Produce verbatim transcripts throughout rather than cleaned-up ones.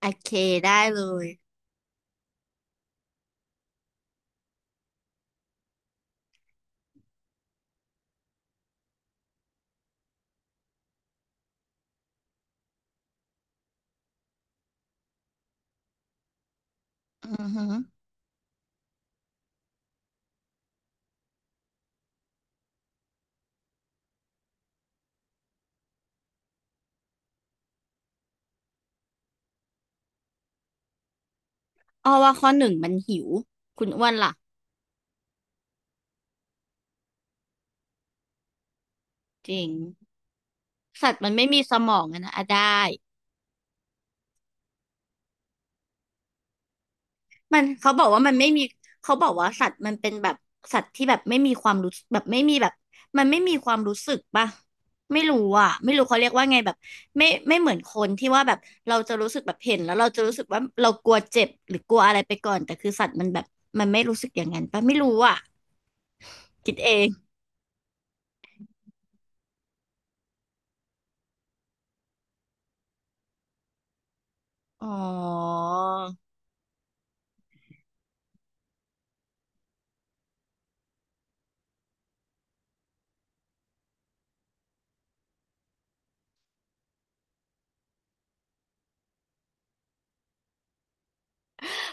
โอเคได้เลยอือหอ้อว่าข้อหนึ่งมันหิว คุณอ้วนล่ะจริงสัตว์มันไม่มีสมองอะนะอ่ะได้มันเขาบอกว่ามันไม่มีเขาบอกว่าสัตว์มันเป็นแบบสัตว์ที่แบบไม่มีความรู้แบบไม่มีแบบมันไม่มีความรู้สึกป่ะไม่รู้อ่ะไม่รู้เขาเรียกว่าไงแบบไม่ไม่เหมือนคนที่ว่าแบบเราจะรู้สึกแบบเห็นแล้วเราจะรู้สึกว่าเรากลัวเจ็บหรือกลัวอะไรไปก่อนแต่คือสัตว์มันแบบมันไม่รู้สึกอย่างนั้นป่ะไม่รู้อ่ะคิดเองอ๋อ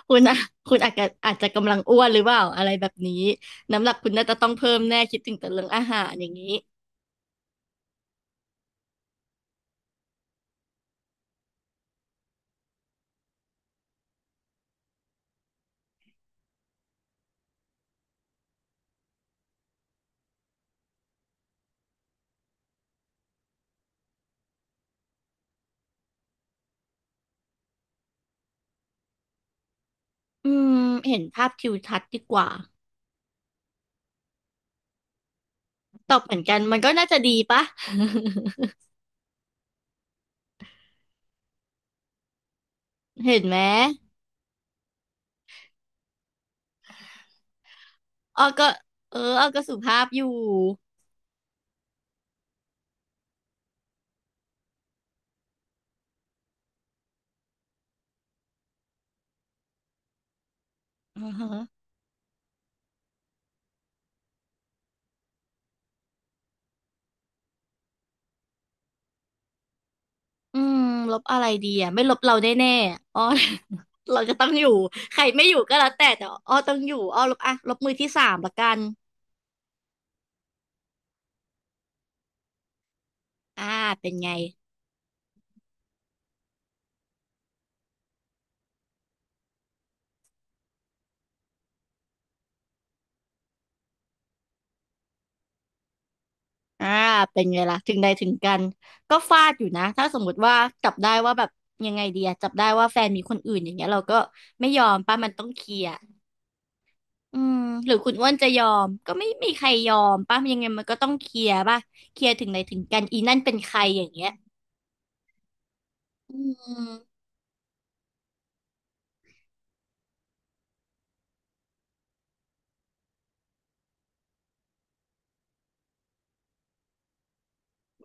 คุณอะคุณอาจจะอาจจะกำลังอ้วนหรือเปล่าอะไรแบบนี้ น้ำหนักคุณน่าจะต้องเพิ่มแน่คิดถึงแต่เรื่องอาหารอย่างนี้อืมเห็นภาพทิวทัศน์ดีกว่าตอบเหมือนกันมันก็น่าจะดีปะ เห็นไหม อ้อก็เอออ้อก็สุภาพอยู่อือฮะอืมลบอะไรดีอะไม่ลบเราแน่ๆอะอ้อ เราจะต้องอยู่ใครไม่อยู่ก็แล้วแต่แต่อ้อต้องอยู่อ้อลบอ่ะลบมือที่สามละกันอ่าเป็นไง อ่าเป็นไงล่ะถึงใดถึงกันก็ฟาดอยู่นะถ้าสมมติว่าจับได้ว่าแบบยังไงดีอะจับได้ว่าแฟนมีคนอื่นอย่างเงี้ยเราก็ไม่ยอมป้ามันต้องเคลียร์อืมหรือคุณอ้วนจะยอมก็ไม่มีใครยอมป้ายังไงมันก็ต้องเคลียร์ป่ะเคลียร์ถึงใดถึงกันอีนั่นเป็นใครอย่างเงี้ยอืม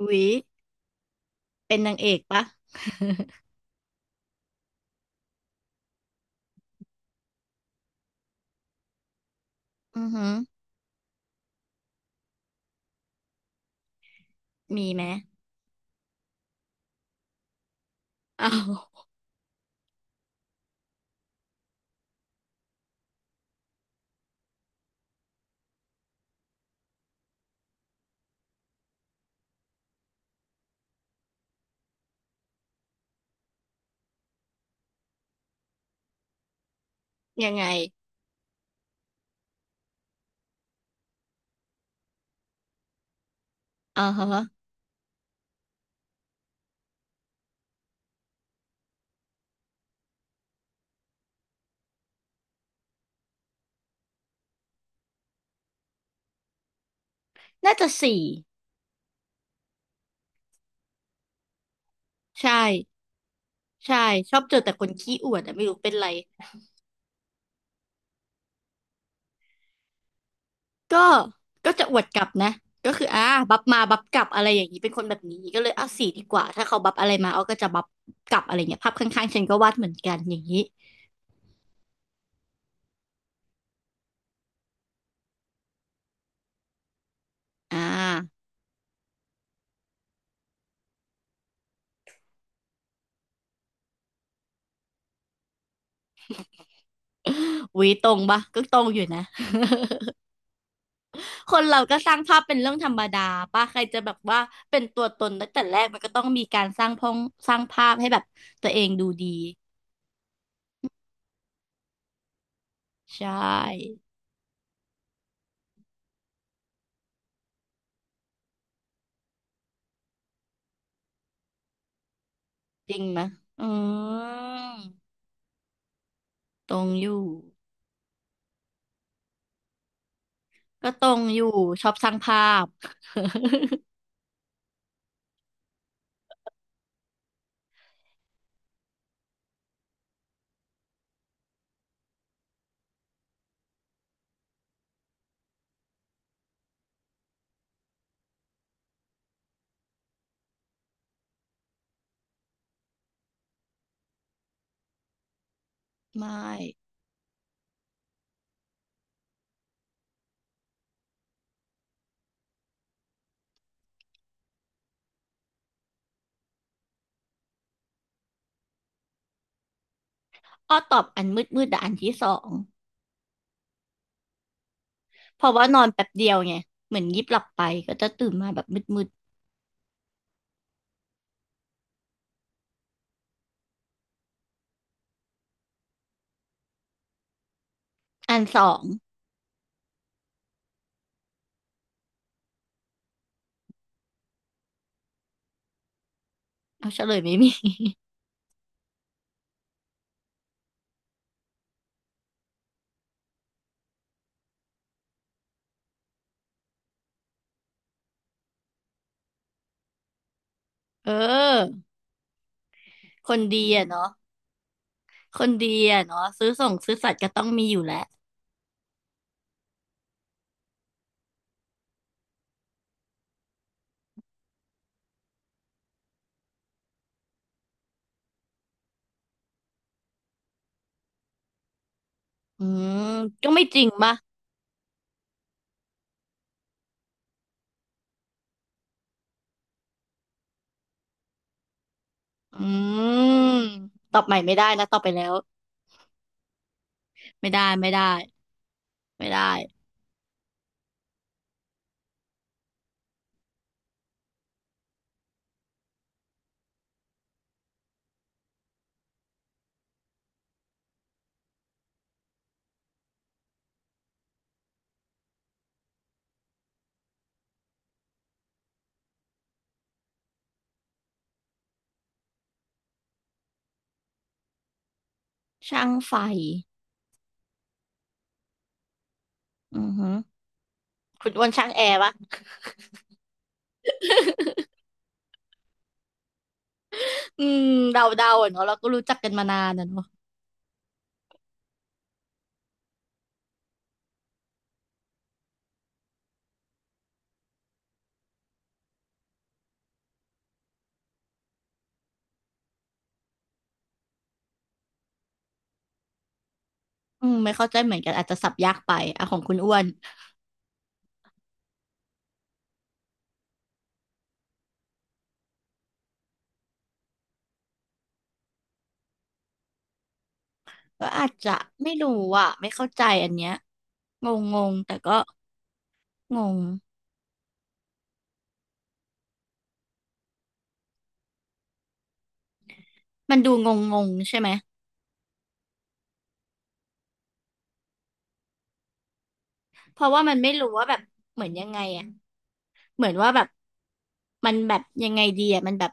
อุ๊ยเป็นนางเอกป่ะอือหือมีไหมอ้าวยังไงอ่าฮะน่าจะสี่ใช่ใช่ชอบเจอแต่คนขี้อวดอะไม่รู้เป็นไร ก็ก็จะอวดกลับนะ ก็คืออ่าบัฟมา บัฟกลับอะไรอย่างนี้เป็นคนแบบนี้ ก็เลยเอาสีดีกว่า ถ้าเขาบัฟอะไรมาเอาก็จะบัฟกลับอะไรเงี้ย ภาพข้างๆฉันก็วาดเหมือนกัน อย่างนี้อ่าวีตรงปะก็ตรงอยู่นะ คนเราก็สร้างภาพเป็นเรื่องธรรมดาป่ะใครจะแบบว่า เป็นตัวตนตั้งแต่แรกมันก็ต้องมีการสร้างพองสร้างภาพให้แบบตัวเองดูดีใช่จริงไหมะอืมตรงอยู่ก็ตรงอยู่ชอบสร้างภาพ ไม่อ้อตอบอันมืดมืดแต่อันที่สองเพราะว่านอนแป๊บเดียวไงเหมือนยิบหลับไปก็จะตื่นมาแบบมืดมืดอันสองเอาเฉลยไม่มี เออคนดีอะเนาะคนดีอะเนาะซื้อส่งซื้อสัตย์ก็ต้องมีอยู่แหละอืมก็ไม่จริงปะอืมตอบใหม่ไม่ได้นะตอบไปแล้วไม่ได้ไม่ได้ไม่ได้ช่างไฟอือฮึคุณอ้วนช่างแอร์ปะอืมเดาเดาอะเนาะเราก็รู้จักกันมานานอะเนาะ อืมไม่เข้าใจเหมือนกันอาจจะสับยากไปอ่ะของคุณอ้วนก็อาจจะไม่รู้อ่ะไม่เข้าใจอันเนี้ยงงงงแต่ก็งงมันดูงงงงใช่ไหมเพราะว่ามันไม่รู้ว่าแบบเหมือนยังไงอ่ะ เหมือนว่าแบบมันแบบยังไงดีอ่ะมันแบบ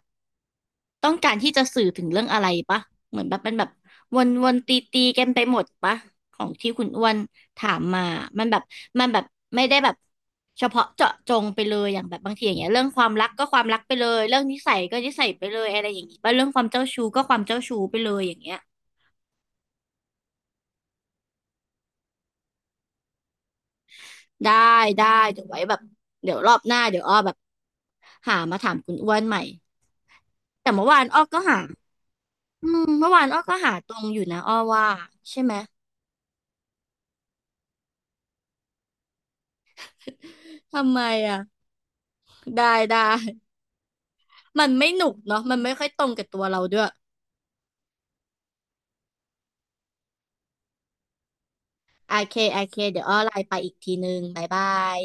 ต้องการที่จะสื่อถึงเรื่องอะไรปะเหมือนแบบมันแบบวนวนตีตีกันไปหมดปะของที่คุณอ้วนถามมามันแบบมันแบบไม่ได้แบบเฉพาะเจาะจงไปเลยอย่างแบบบางทีอย่างเงี้ยเรื่องความรักก็ความรักไปเลยเรื่องนิสัยก็นิสัยไปเลยอะไรอย่างงี้ปะเรื่องความเจ้าชู้ก็ความเจ้าชู้ไปเลยอย่างเงี้ยได้ได้เดี๋ยวไว้แบบเดี๋ยวรอบหน้าเดี๋ยวอ้อแบบหามาถามคุณอ้วนใหม่แต่เมื่อวานอ้อก็หา อืมเมื่อวานอ้อก็หาตรงอยู่นะอ้อว่าใช่ไหม ทำไมอ่ะได้ได้ มันไม่หนุกเนาะมันไม่ค่อยตรงกับตัวเราด้วยโอเคโอเคเดี๋ยวอ้อไลน์ไปอีกทีนึงบ๊ายบาย